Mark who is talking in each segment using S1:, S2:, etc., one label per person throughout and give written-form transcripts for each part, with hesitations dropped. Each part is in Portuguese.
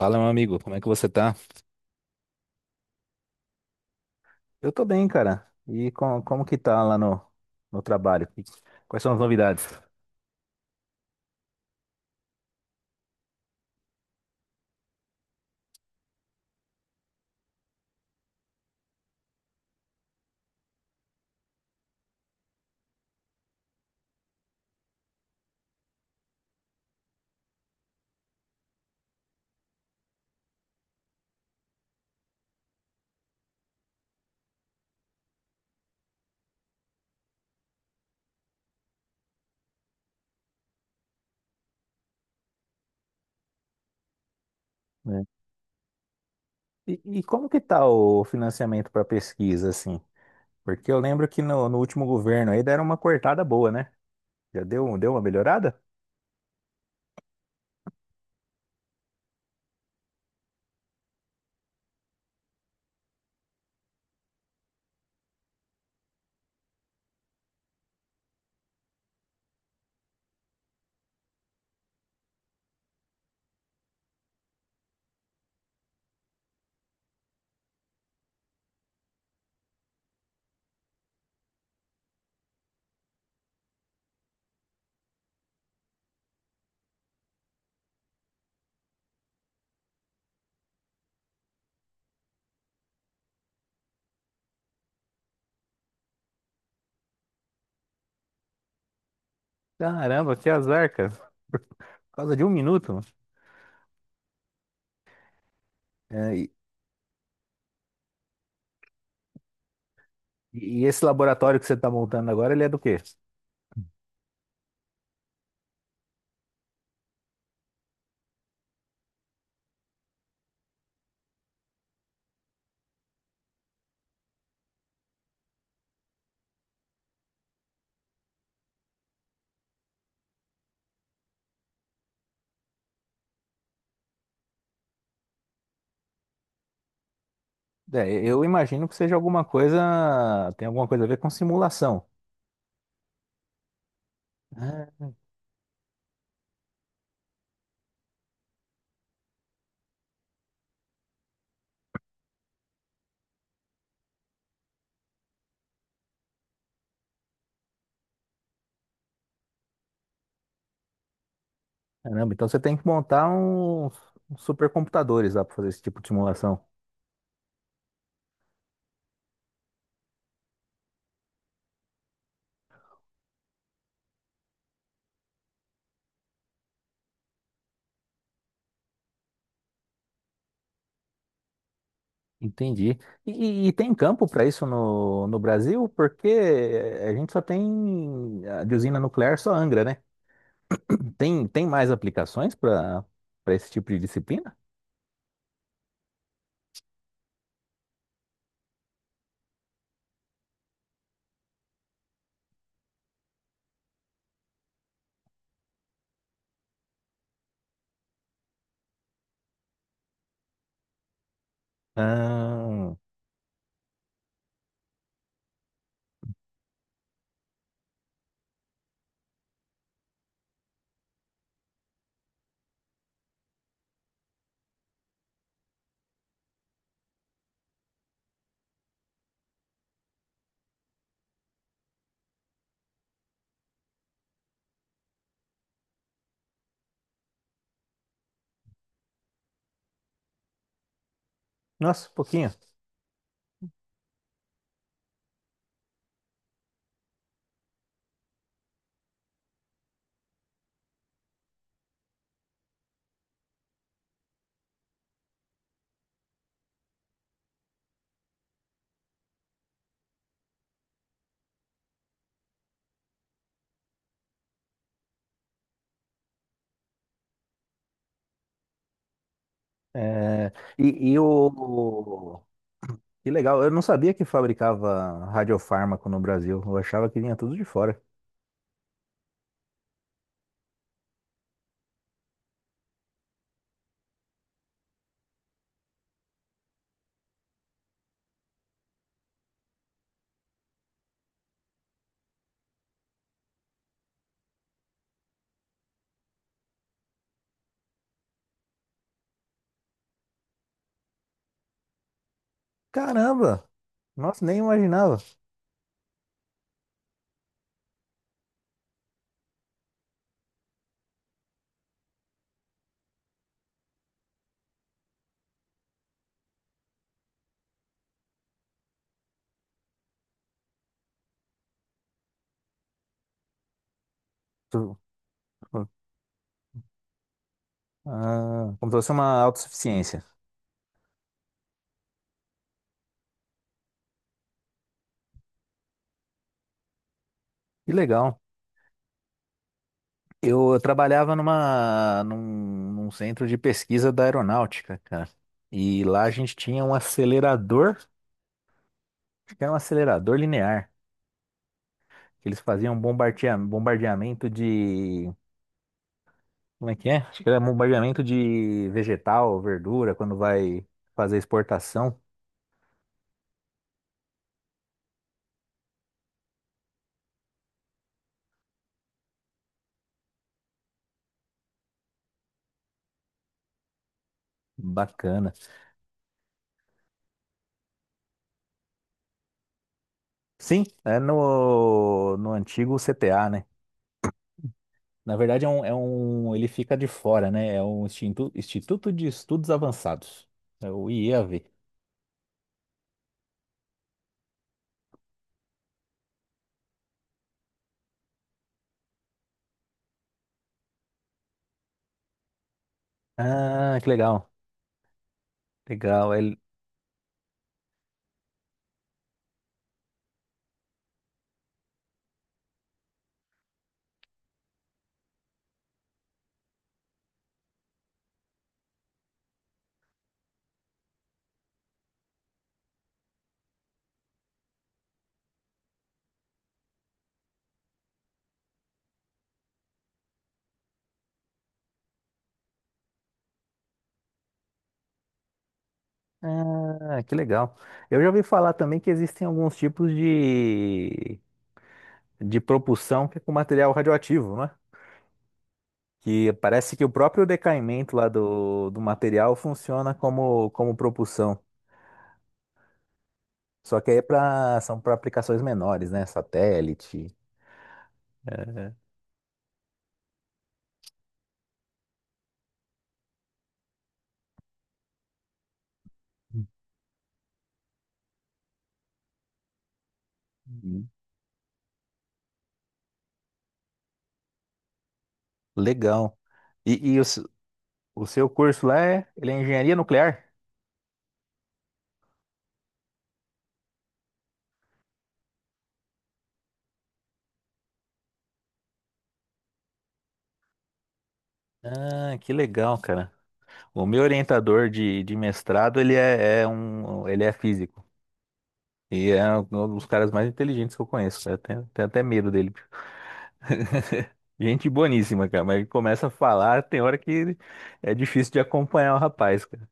S1: Fala, meu amigo, como é que você tá? Eu tô bem, cara. Como que tá lá no trabalho? E quais são as novidades? Né? E, como que tá o financiamento para pesquisa, assim? Porque eu lembro que no último governo aí deram uma cortada boa, né? Já deu uma melhorada? Caramba, que azar, cara. Por causa de um minuto. É, e, e esse laboratório que você tá montando agora, ele é do quê? É, eu imagino que seja alguma coisa, tem alguma coisa a ver com simulação. Ah, caramba, então você tem que montar uns supercomputadores lá para fazer esse tipo de simulação. Entendi. E tem campo para isso no Brasil? Porque a gente só tem a de usina nuclear, só Angra, né? Tem mais aplicações para esse tipo de disciplina? Ah, nossa, pouquinho. É, e o. Que legal, eu não sabia que fabricava radiofármaco no Brasil. Eu achava que vinha tudo de fora. Caramba! Nossa, nem imaginava. Tu- Ah, como se fosse uma autossuficiência. Que legal. Eu trabalhava num centro de pesquisa da aeronáutica, cara. E lá a gente tinha um acelerador. Era um acelerador linear. Que eles faziam bombardeamento de. Como é que é? Acho que era bombardeamento de vegetal, verdura, quando vai fazer exportação. Bacana. Sim, é no antigo CTA, né? Na verdade, é um, ele fica de fora, né? É um Instituto de Estudos Avançados. É o IEAV. Ah, que legal. Legal. Ah, que legal. Eu já ouvi falar também que existem alguns tipos de propulsão que é com material radioativo, né? Que parece que o próprio decaimento lá do material funciona como, como propulsão. Só que aí são para aplicações menores, né? Satélite. Uhum. Legal. E, e o, s- o seu curso lá é, ele é engenharia nuclear? Ah, que legal, cara. O meu orientador de mestrado, ele é físico. E é um dos caras mais inteligentes que eu conheço. Eu tenho até medo dele. Gente boníssima, cara, mas ele começa a falar, tem hora que é difícil de acompanhar o rapaz, cara.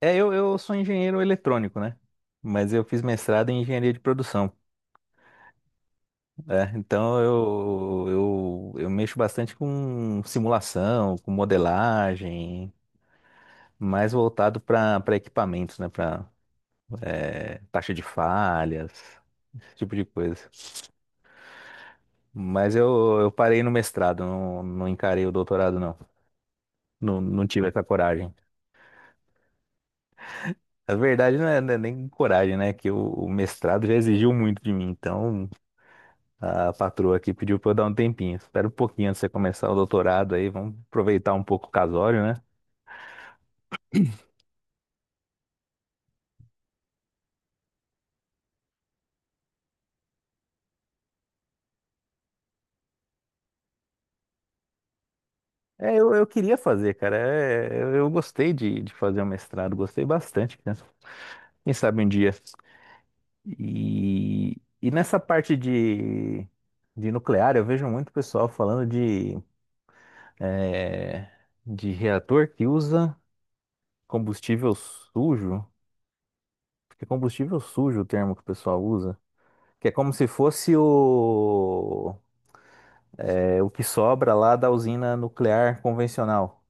S1: É, eu sou engenheiro eletrônico, né? Mas eu fiz mestrado em engenharia de produção, né? Então eu mexo bastante com simulação, com modelagem, mais voltado para equipamentos, né? Para taxa de falhas, esse tipo de coisa. Mas eu parei no mestrado, não encarei o doutorado, não. Não, não tive essa coragem. A verdade não é, não é nem coragem, né? Que o mestrado já exigiu muito de mim. Então, a patroa aqui pediu pra eu dar um tempinho. Espera um pouquinho antes de você começar o doutorado aí. Vamos aproveitar um pouco o casório, né? É, eu queria fazer, cara. É, eu gostei de fazer o mestrado. Gostei bastante, né? Quem sabe um dia. E nessa parte de nuclear, eu vejo muito pessoal falando de, é, de reator que usa combustível sujo. Porque combustível sujo, é o termo que o pessoal usa. Que é como se fosse o, é, o que sobra lá da usina nuclear convencional.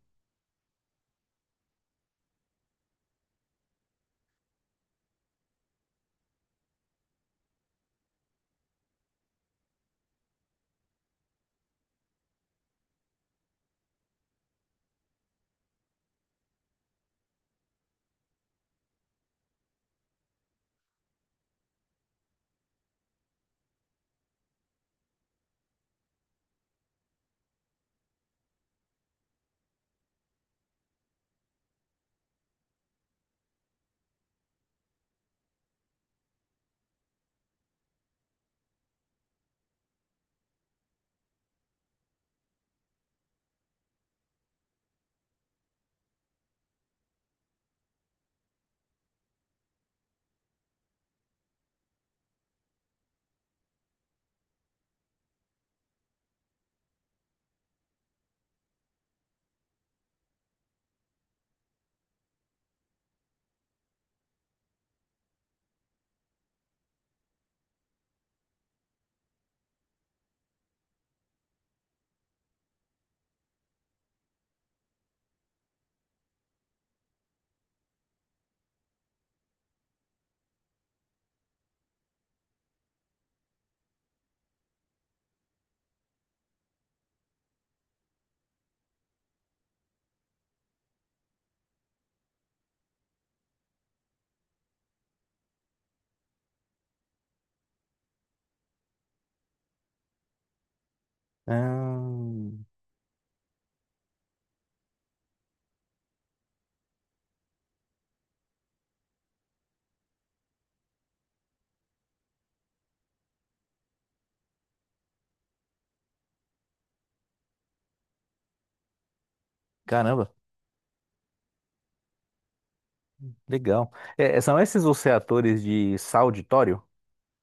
S1: Ahn, caramba, legal. É, é, são esses os reatores de sal de tório?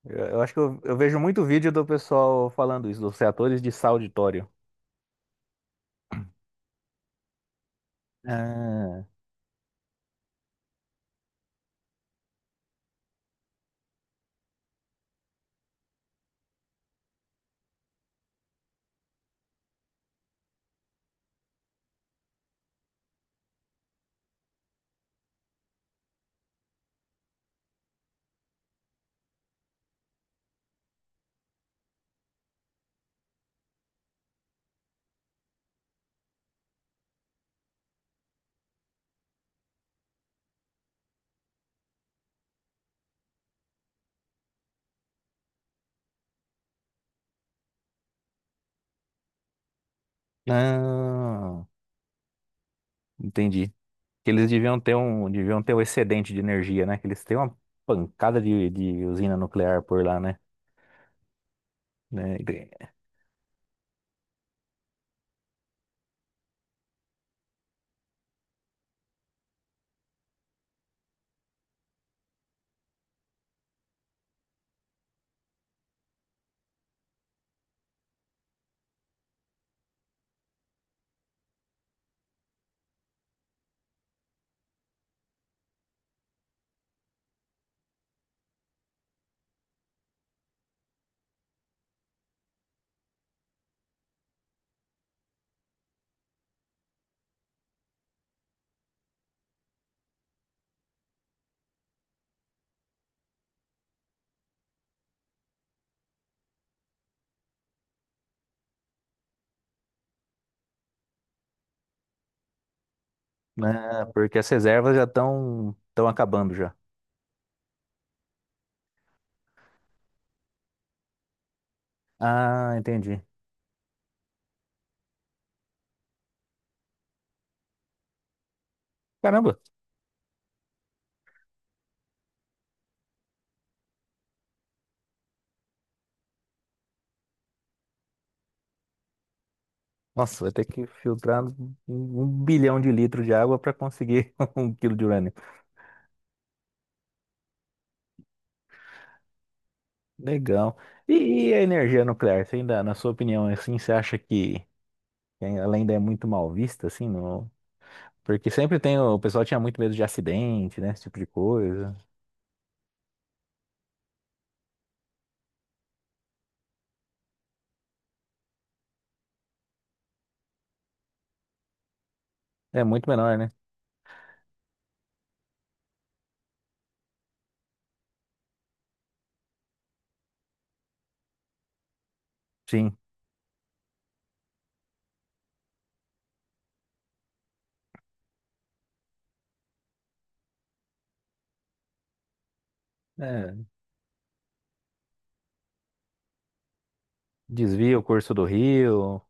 S1: Eu acho que eu vejo muito vídeo do pessoal falando isso, dos reatores de sal de tório. Ah, ah, entendi. Que eles deviam ter um excedente de energia, né? Que eles têm uma pancada de usina nuclear por lá, né? Né? Ah, porque as reservas já estão acabando já. Ah, entendi. Caramba. Nossa, vai ter que filtrar um bilhão de litros de água para conseguir um quilo de urânio. Legal. E a energia nuclear? Você ainda, na sua opinião, assim, você acha que ela ainda é muito mal vista, assim, no... Porque sempre tem, o pessoal tinha muito medo de acidente, né? Esse tipo de coisa. É muito menor, né? Sim. É, desvia o curso do rio.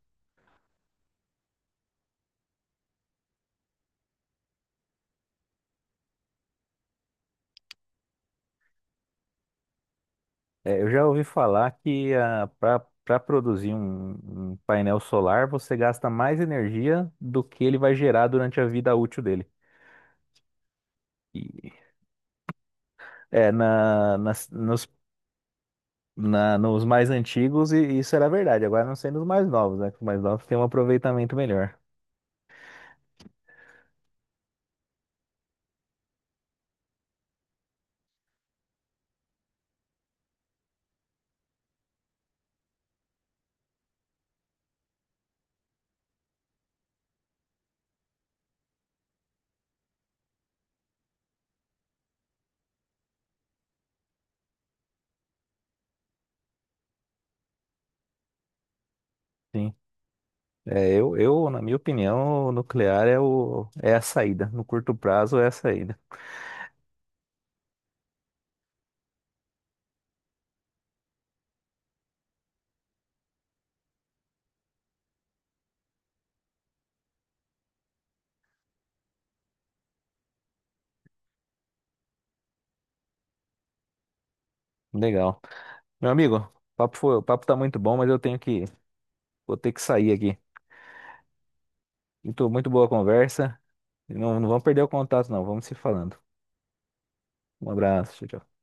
S1: É, eu já ouvi falar que para produzir um painel solar você gasta mais energia do que ele vai gerar durante a vida útil dele. E, é, na, nas- nos, na- nos mais antigos isso era verdade, agora não sei nos mais novos, né? Que os mais novos têm um aproveitamento melhor. Sim. É, eu, na minha opinião, o nuclear é, o, é a saída. No curto prazo é a saída. Legal. Meu amigo, o papo tá muito bom, mas eu tenho que, vou ter que sair aqui. Muito, muito boa a conversa. Não, não vamos perder o contato, não. Vamos se falando. Um abraço, tchau. Tchau.